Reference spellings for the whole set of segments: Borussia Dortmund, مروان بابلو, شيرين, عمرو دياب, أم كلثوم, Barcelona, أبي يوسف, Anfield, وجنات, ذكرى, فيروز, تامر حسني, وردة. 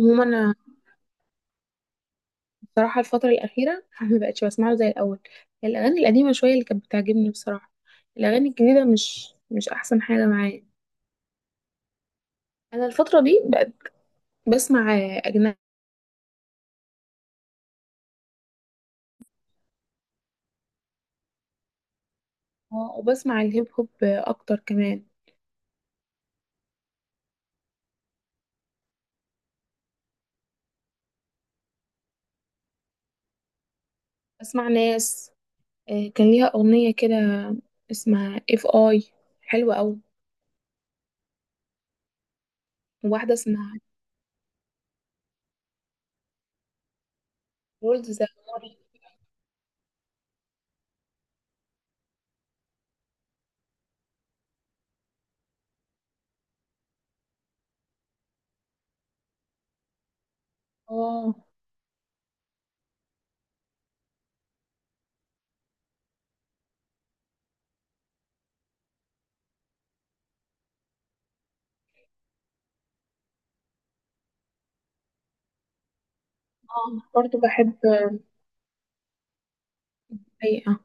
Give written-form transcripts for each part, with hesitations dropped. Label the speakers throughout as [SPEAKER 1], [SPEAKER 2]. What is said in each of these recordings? [SPEAKER 1] عموما انا بصراحه الفتره الاخيره ما بقتش بسمعه زي الاول. الاغاني القديمه شويه اللي كانت بتعجبني بصراحه. الاغاني الجديده مش احسن حاجه معايا. انا الفتره دي بقت بسمع اجنبي، وبسمع الهيب هوب اكتر كمان. بسمع ناس، كان ليها اغنيه كده اسمها اف اي، حلوه قوي. وواحده اسمها رولز ذا موري. اه، اه برضه بحب الحقيقه.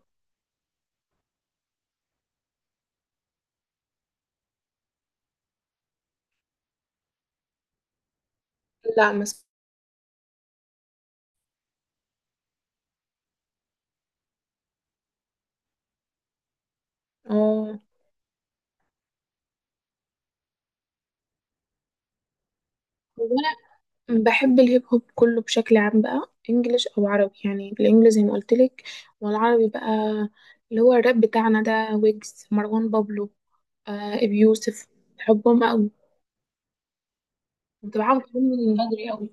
[SPEAKER 1] لا مس. اه، هو بحب الهيب هوب كله بشكل عام بقى، انجليش او عربي. يعني بالانجليزي زي ما قلت لك، والعربي بقى اللي هو الراب بتاعنا ده، ويجز، مروان بابلو، آه ابي يوسف. بحبهم قوي، متابعهم كلهم من بدري قوي.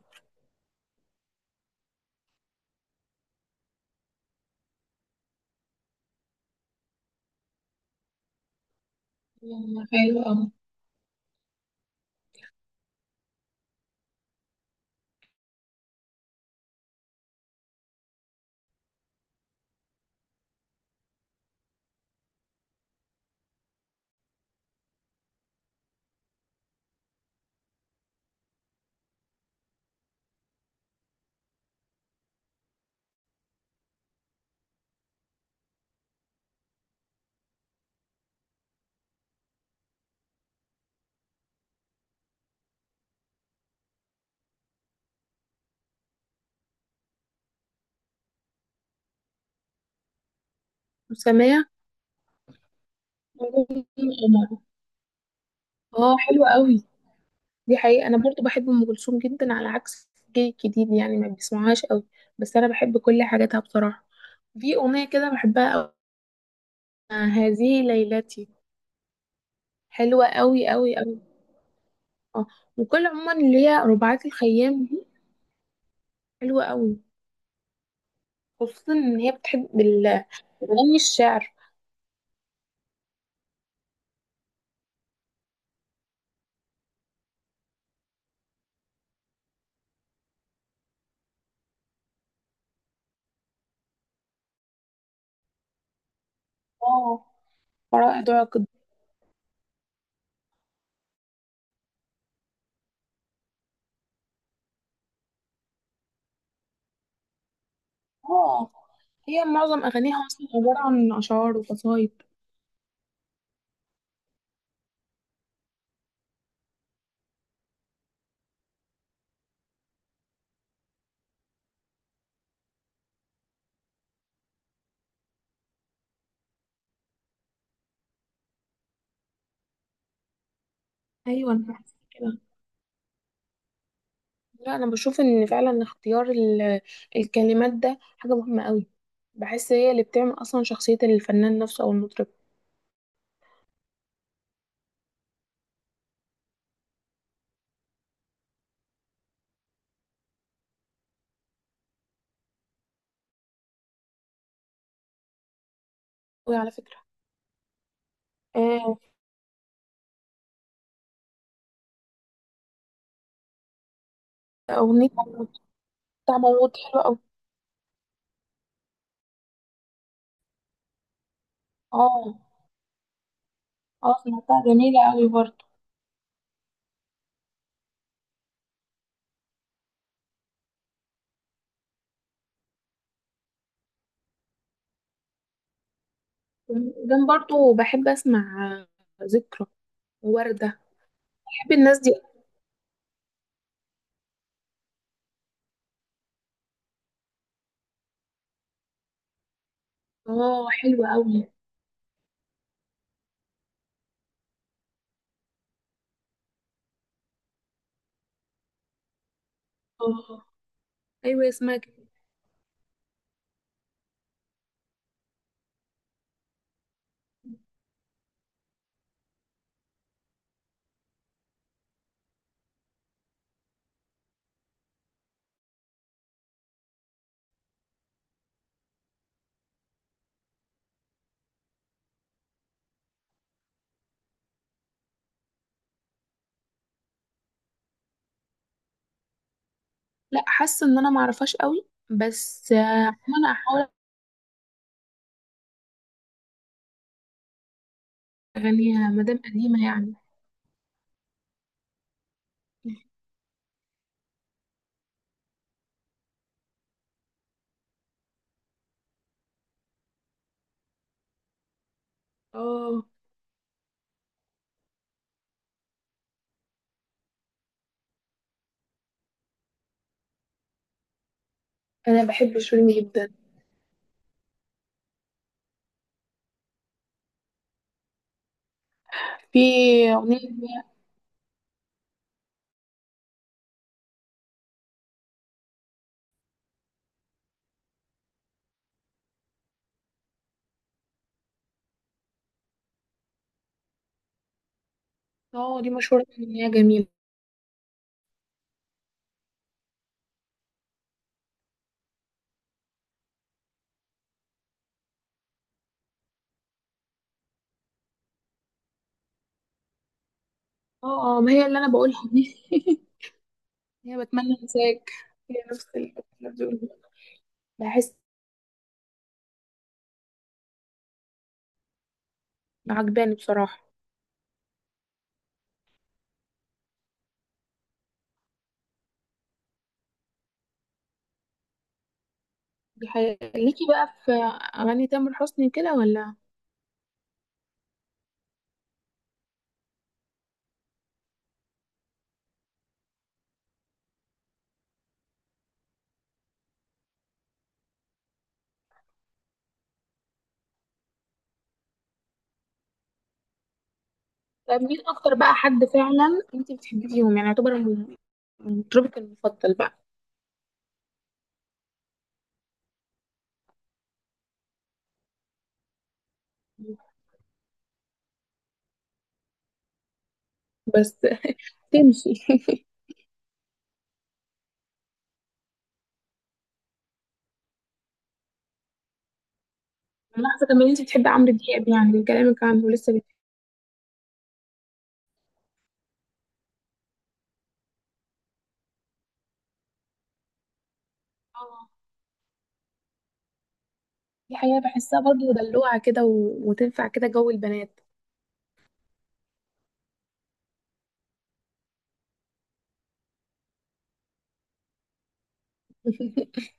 [SPEAKER 1] آه، حلو قوي. وسمية عمر. اه حلوة قوي. دي حقيقة انا برضو بحب ام كلثوم جدا، على عكس جيل الجديد يعني ما بيسمعهاش قوي، بس انا بحب كل حاجاتها بصراحة. في اغنية كده بحبها قوي، هذه ليلتي، حلوة قوي قوي قوي. اه، وكل عموما اللي هي رباعات الخيام دي، حلوة قوي. خصوصا ان هي بتحب اغاني الشعر. اه فرائض عقد. اه، هي معظم اغانيها اصلا عبارة عن اشعار وقصايد. ايوه انا بحس كده. لا، انا بشوف ان فعلا اختيار الكلمات ده حاجة مهمة قوي. بحس هي اللي بتعمل اصلا شخصية الفنان نفسه او المطرب. قوي على فكرة. آه، اغنية بتاع موت حلوة قوي. اه، اه سمعتها جميلة قوي برضه. وبعدين برضو بحب اسمع ذكرى، وردة. بحب الناس دي. اه حلوة قوي. اه، ايوه اسمها كده. لا، حاسة ان انا معرفهاش قوي بس، انا احاول. اغنيها مادام قديمة يعني. اه، انا بحب شيرين جدا. في اغنية اه دي مشهورة ان هي جميلة. اه، اه ما هي اللي انا بقولها دي هي بتمنى انساك، هي نفس اللي بتقولها. بحس عجباني بصراحة. دي حقيقة ليكي بقى في أغاني تامر حسني كده ولا؟ طب مين أكتر بقى حد فعلا أنت بتحبي فيهم، يعني يعتبر مطربك المفضل بقى؟ بس تمشي ملاحظة كمان أنت بتحبي عمرو دياب يعني من كلامك عنه لسه آه، دي حقيقة بحسها برضه دلوعة كده، و... وتنفع كده جو البنات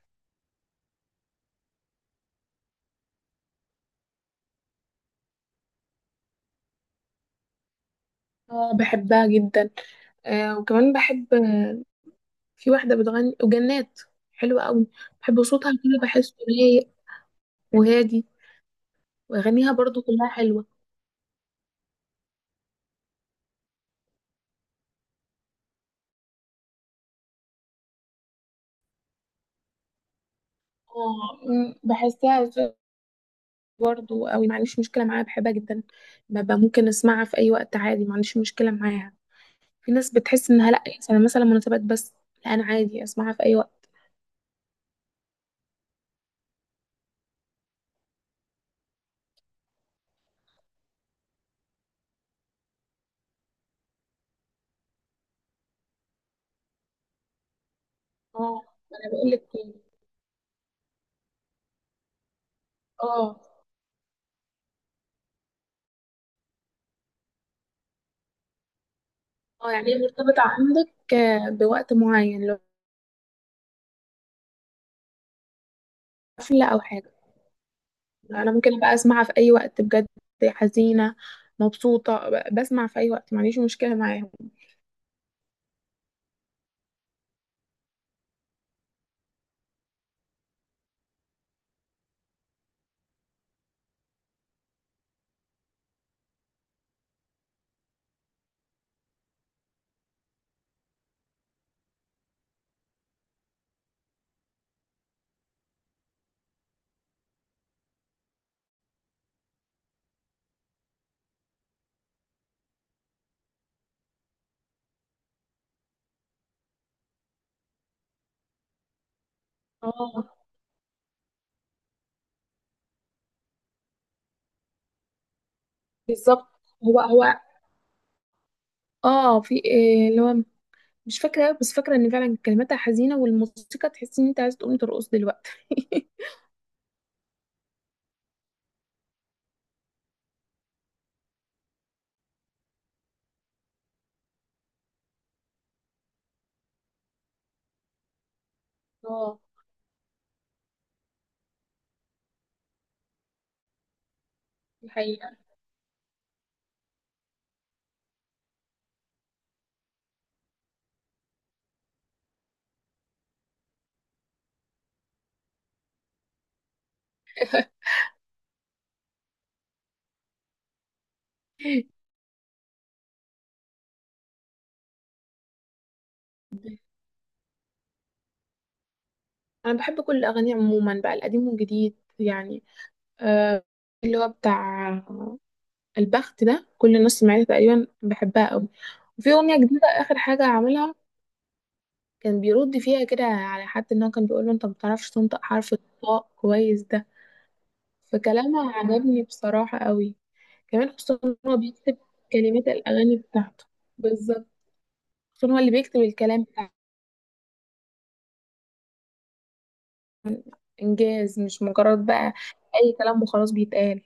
[SPEAKER 1] اه بحبها جدا. آه وكمان بحب، في واحدة بتغني وجنات، حلوة قوي. بحب صوتها كده، بحسه رايق وهادي. وأغانيها برضو كلها حلوة. اه بحسها برضو قوي، ما عنديش مشكلة معاها، بحبها جدا. ببقى ممكن اسمعها في اي وقت عادي، ما عنديش مشكلة معاها. في ناس بتحس انها لا، يعني مثلا مناسبات بس. لا انا عادي اسمعها في اي وقت. اه، انا بقول لك. اه، اه يعني هي مرتبطة عندك، بوقت معين، لو حفلة او حاجة. انا ممكن ابقى اسمعها في اي وقت بجد. حزينة، مبسوطة، بسمع في اي وقت، ما عنديش مشكلة معاها. اه بالظبط. هو هو. اه، في إيه اللي هو مش فاكرة أوي، بس فاكرة ان فعلا كلماتها حزينة والموسيقى تحس ان انت عايزة تقومي ترقص دلوقتي اه دي حقيقة. انا بحب كل الاغاني عموما بقى، القديم والجديد يعني. آه، اللي هو بتاع البخت ده، كل الناس سمعتها تقريبا، بحبها قوي. وفي اغنيه جديده اخر حاجه عاملها، كان بيرد فيها كده على حد ان هو كان بيقول له انت ما بتعرفش تنطق حرف الطاء كويس ده. فكلامها عجبني بصراحه قوي. كمان خصوصا ان هو بيكتب كلمات الاغاني بتاعته بالظبط. عشان هو اللي بيكتب الكلام بتاع انجاز، مش مجرد بقى اي كلام وخلاص بيتقال.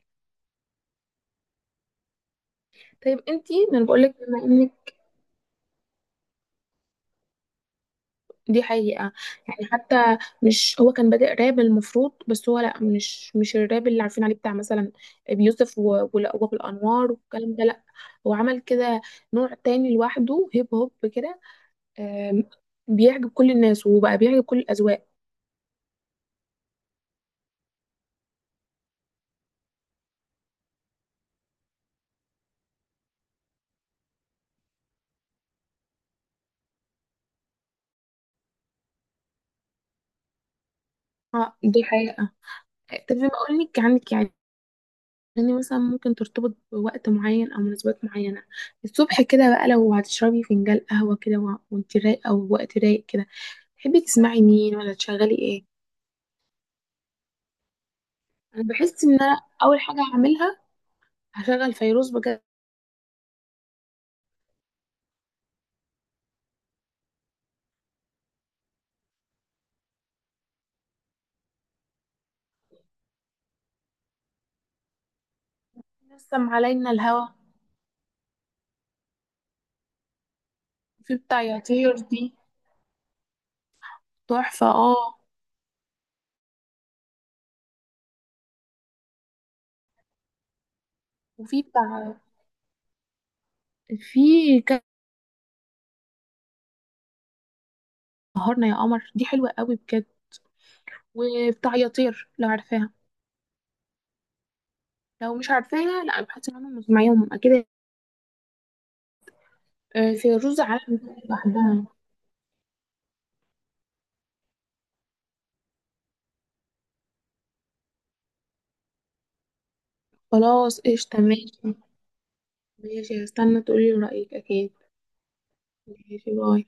[SPEAKER 1] طيب انتي، ما انا بقول لك بما انك دي حقيقة. يعني حتى مش هو كان بادئ راب المفروض؟ بس هو لا، مش الراب اللي عارفين عليه بتاع مثلا بيوسف وابو الانوار والكلام ده، لا. هو عمل كده نوع تاني لوحده، هيب هوب كده. آم، بيعجب كل الناس، وبقى بيعجب كل الاذواق. اه دي حقيقة. طب بما اقول لك عنك يعني، يعني مثلا ممكن ترتبط بوقت معين او مناسبات معينه. الصبح كده بقى، لو هتشربي فنجان قهوه كده وانت رايقه ووقت رايق كده، تحبي تسمعي مين ولا تشغلي ايه؟ انا بحس ان انا اول حاجه هعملها، هشغل فيروز بجد. نسم علينا الهوى، في بتاع يا طير دي، تحفه. اه وفي بتاع، في كان سهرنا يا قمر دي حلوه قوي بجد. وبتاع يا طير لو عارفاها. لو مش عارفاها لا، بحس ان انا مش معاهم اكيد. آه، فيروز عالم لوحدها. خلاص قشطة ماشي. ماشي هستنى تقولي رأيك أكيد. ماشي باي.